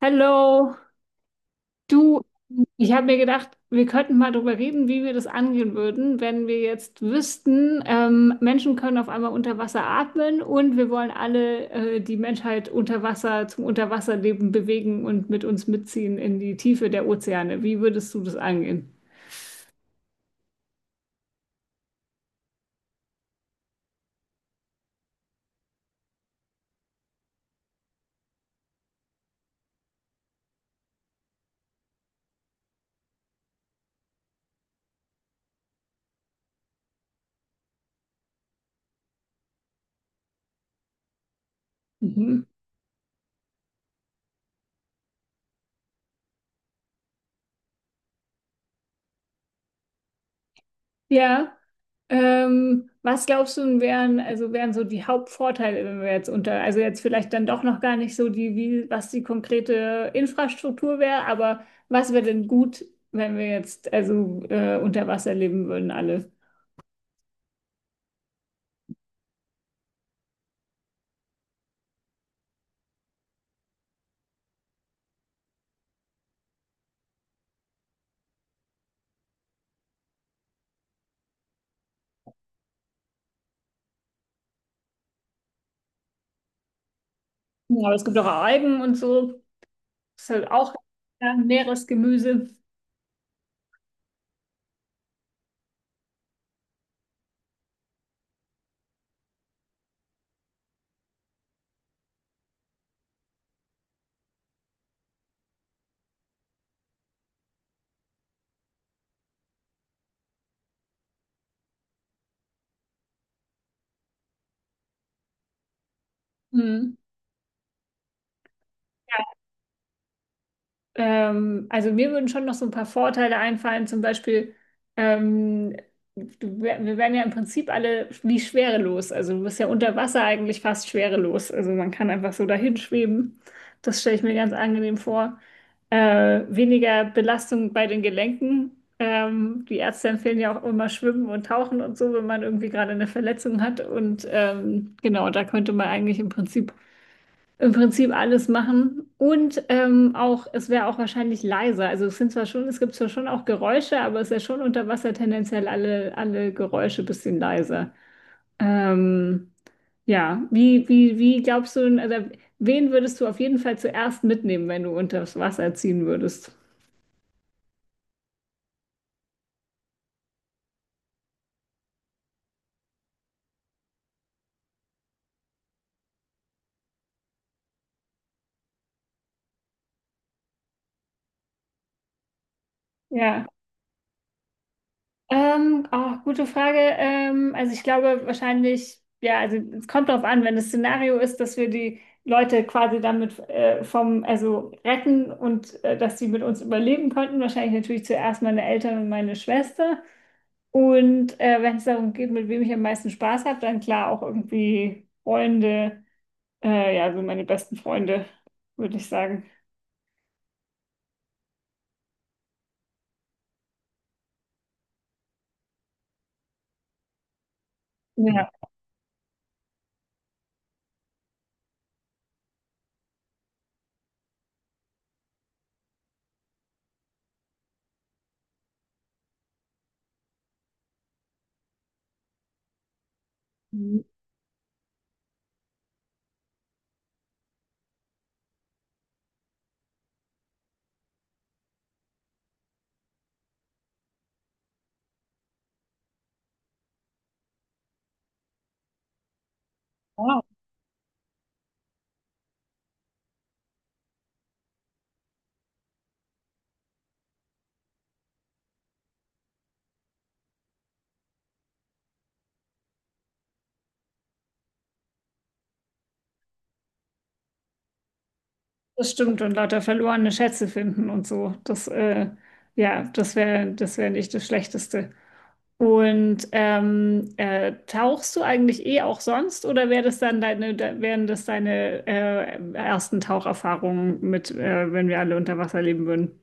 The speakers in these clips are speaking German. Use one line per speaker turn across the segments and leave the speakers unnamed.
Hallo, du, ich habe mir gedacht, wir könnten mal darüber reden, wie wir das angehen würden, wenn wir jetzt wüssten, Menschen können auf einmal unter Wasser atmen und wir wollen alle die Menschheit unter Wasser zum Unterwasserleben bewegen und mit uns mitziehen in die Tiefe der Ozeane. Wie würdest du das angehen? Mhm. Ja, was glaubst du, wären, also wären so die Hauptvorteile, wenn wir jetzt unter, also jetzt vielleicht dann doch noch gar nicht so die, wie, was die konkrete Infrastruktur wäre, aber was wäre denn gut, wenn wir jetzt also unter Wasser leben würden alle? Ja, aber es gibt auch Algen und so, das ist halt auch ja, Meeresgemüse. Also mir würden schon noch so ein paar Vorteile einfallen, zum Beispiel, ähm, du, wir werden ja im Prinzip alle wie schwerelos. Also du bist ja unter Wasser eigentlich fast schwerelos. Also man kann einfach so dahin schweben. Das stelle ich mir ganz angenehm vor. Weniger Belastung bei den Gelenken. Die Ärzte empfehlen ja auch immer Schwimmen und Tauchen und so, wenn man irgendwie gerade eine Verletzung hat. Und genau, da könnte man eigentlich im Prinzip alles machen und auch, es wäre auch wahrscheinlich leiser. Also es sind zwar schon, es gibt zwar schon auch Geräusche, aber es ist ja schon unter Wasser tendenziell alle Geräusche ein bisschen leiser. Ähm, ja, wie glaubst du, also wen würdest du auf jeden Fall zuerst mitnehmen, wenn du unter das Wasser ziehen würdest? Ja. Auch gute Frage. Also ich glaube wahrscheinlich, ja, also es kommt darauf an, wenn das Szenario ist, dass wir die Leute quasi damit vom, also retten und dass sie mit uns überleben konnten, wahrscheinlich natürlich zuerst meine Eltern und meine Schwester. Und wenn es darum geht, mit wem ich am meisten Spaß habe, dann klar auch irgendwie Freunde, ja, so meine besten Freunde, würde ich sagen. Ja. Ja. Das stimmt, und lauter verlorene Schätze finden und so. Das, ja, das wäre nicht das Schlechteste. Und tauchst du eigentlich eh auch sonst oder wär das dann deine, da, wären das deine ersten Taucherfahrungen mit, wenn wir alle unter Wasser leben würden?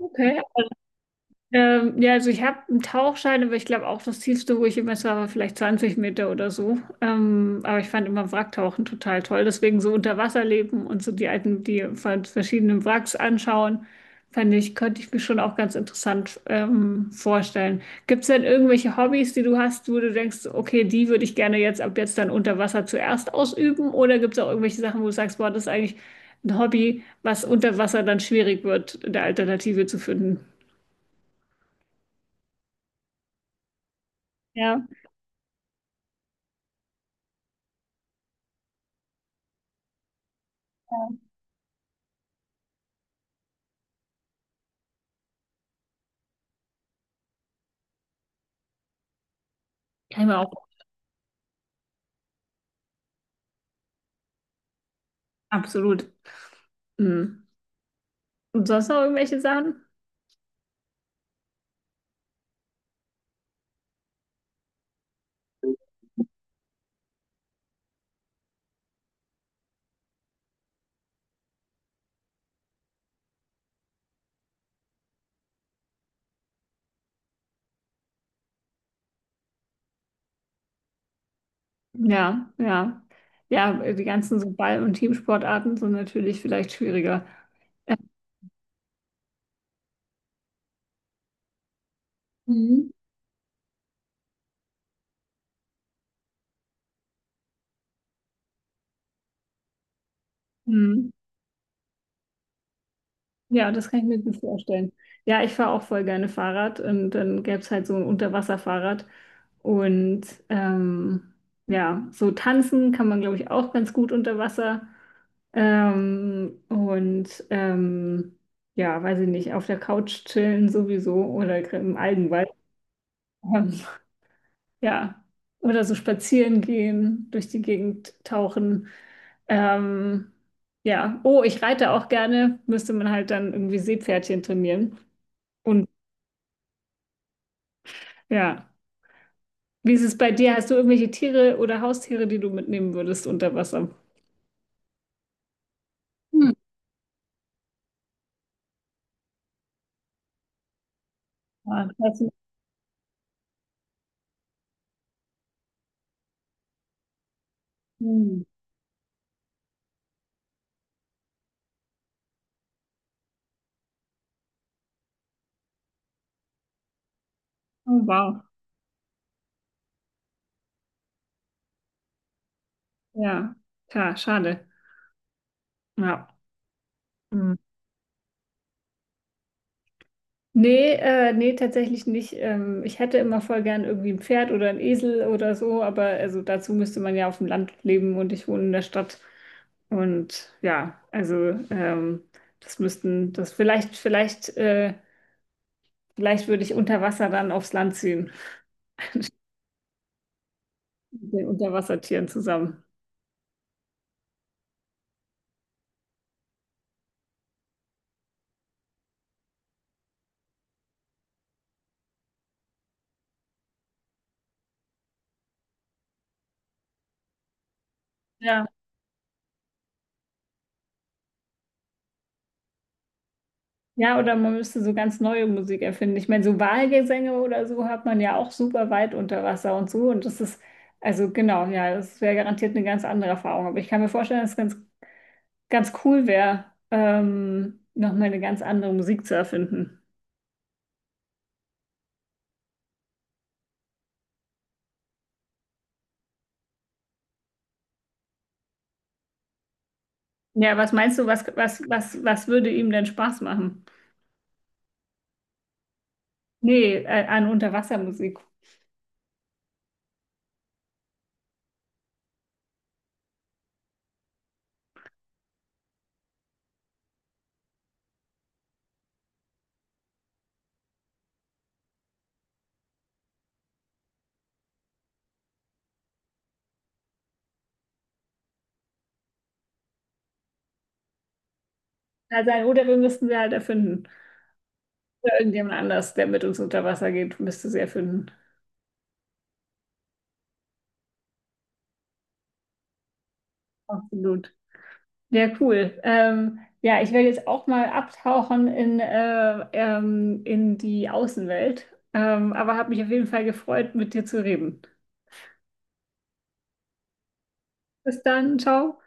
Okay. Ja, also ich habe einen Tauchschein, aber ich glaube auch das tiefste, wo ich immer war, war vielleicht 20 Meter oder so. Aber ich fand immer Wracktauchen total toll. Deswegen so unter Wasser leben und so die alten, die von verschiedenen Wracks anschauen, fand ich, könnte ich mir schon auch ganz interessant vorstellen. Gibt es denn irgendwelche Hobbys, die du hast, wo du denkst, okay, die würde ich gerne jetzt ab jetzt dann unter Wasser zuerst ausüben? Oder gibt es auch irgendwelche Sachen, wo du sagst, boah, das ist eigentlich ein Hobby, was unter Wasser dann schwierig wird, eine Alternative zu finden? Ja. Kann ich mir auch absolut. Mhm. Und sonst noch irgendwelche Sachen? Ja, ja. Ja, die ganzen so Ball- und Teamsportarten sind natürlich vielleicht schwieriger. Mhm. Mhm. Ja, das kann ich mir gut vorstellen. Ja, ich fahre auch voll gerne Fahrrad und dann gäbe es halt so ein Unterwasserfahrrad. Und ja, so tanzen kann man, glaube ich, auch ganz gut unter Wasser. Ähm, und ähm, ja, weiß ich nicht, auf der Couch chillen sowieso oder im Algenwald. Ähm, ja, oder so spazieren gehen, durch die Gegend tauchen. Ähm, ja, oh, ich reite auch gerne, müsste man halt dann irgendwie Seepferdchen trainieren. Und ja, wie ist es bei dir? Hast du irgendwelche Tiere oder Haustiere, die du mitnehmen würdest unter Wasser? Hm. Ah, das ist, hm. Oh, wow. Ja, klar, schade. Ja. Hm. Nee, nee, tatsächlich nicht. Ich hätte immer voll gern irgendwie ein Pferd oder ein Esel oder so, aber also dazu müsste man ja auf dem Land leben und ich wohne in der Stadt. Und ja, also das müssten, das vielleicht würde ich unter Wasser dann aufs Land ziehen, mit den Unterwassertieren zusammen. Ja. Ja, oder man müsste so ganz neue Musik erfinden. Ich meine, so Walgesänge oder so hat man ja auch super weit unter Wasser und so. Und das ist, also genau, ja, das wäre garantiert eine ganz andere Erfahrung. Aber ich kann mir vorstellen, dass es ganz cool wäre, nochmal eine ganz andere Musik zu erfinden. Ja, was meinst du, was würde ihm denn Spaß machen? Nee, an Unterwassermusik. Also, oder wir müssten sie halt erfinden. Oder irgendjemand anders, der mit uns unter Wasser geht, müsste sie erfinden. Absolut. Ja, cool. Ja, ich werde jetzt auch mal abtauchen in die Außenwelt. Aber habe mich auf jeden Fall gefreut, mit dir zu reden. Bis dann, ciao.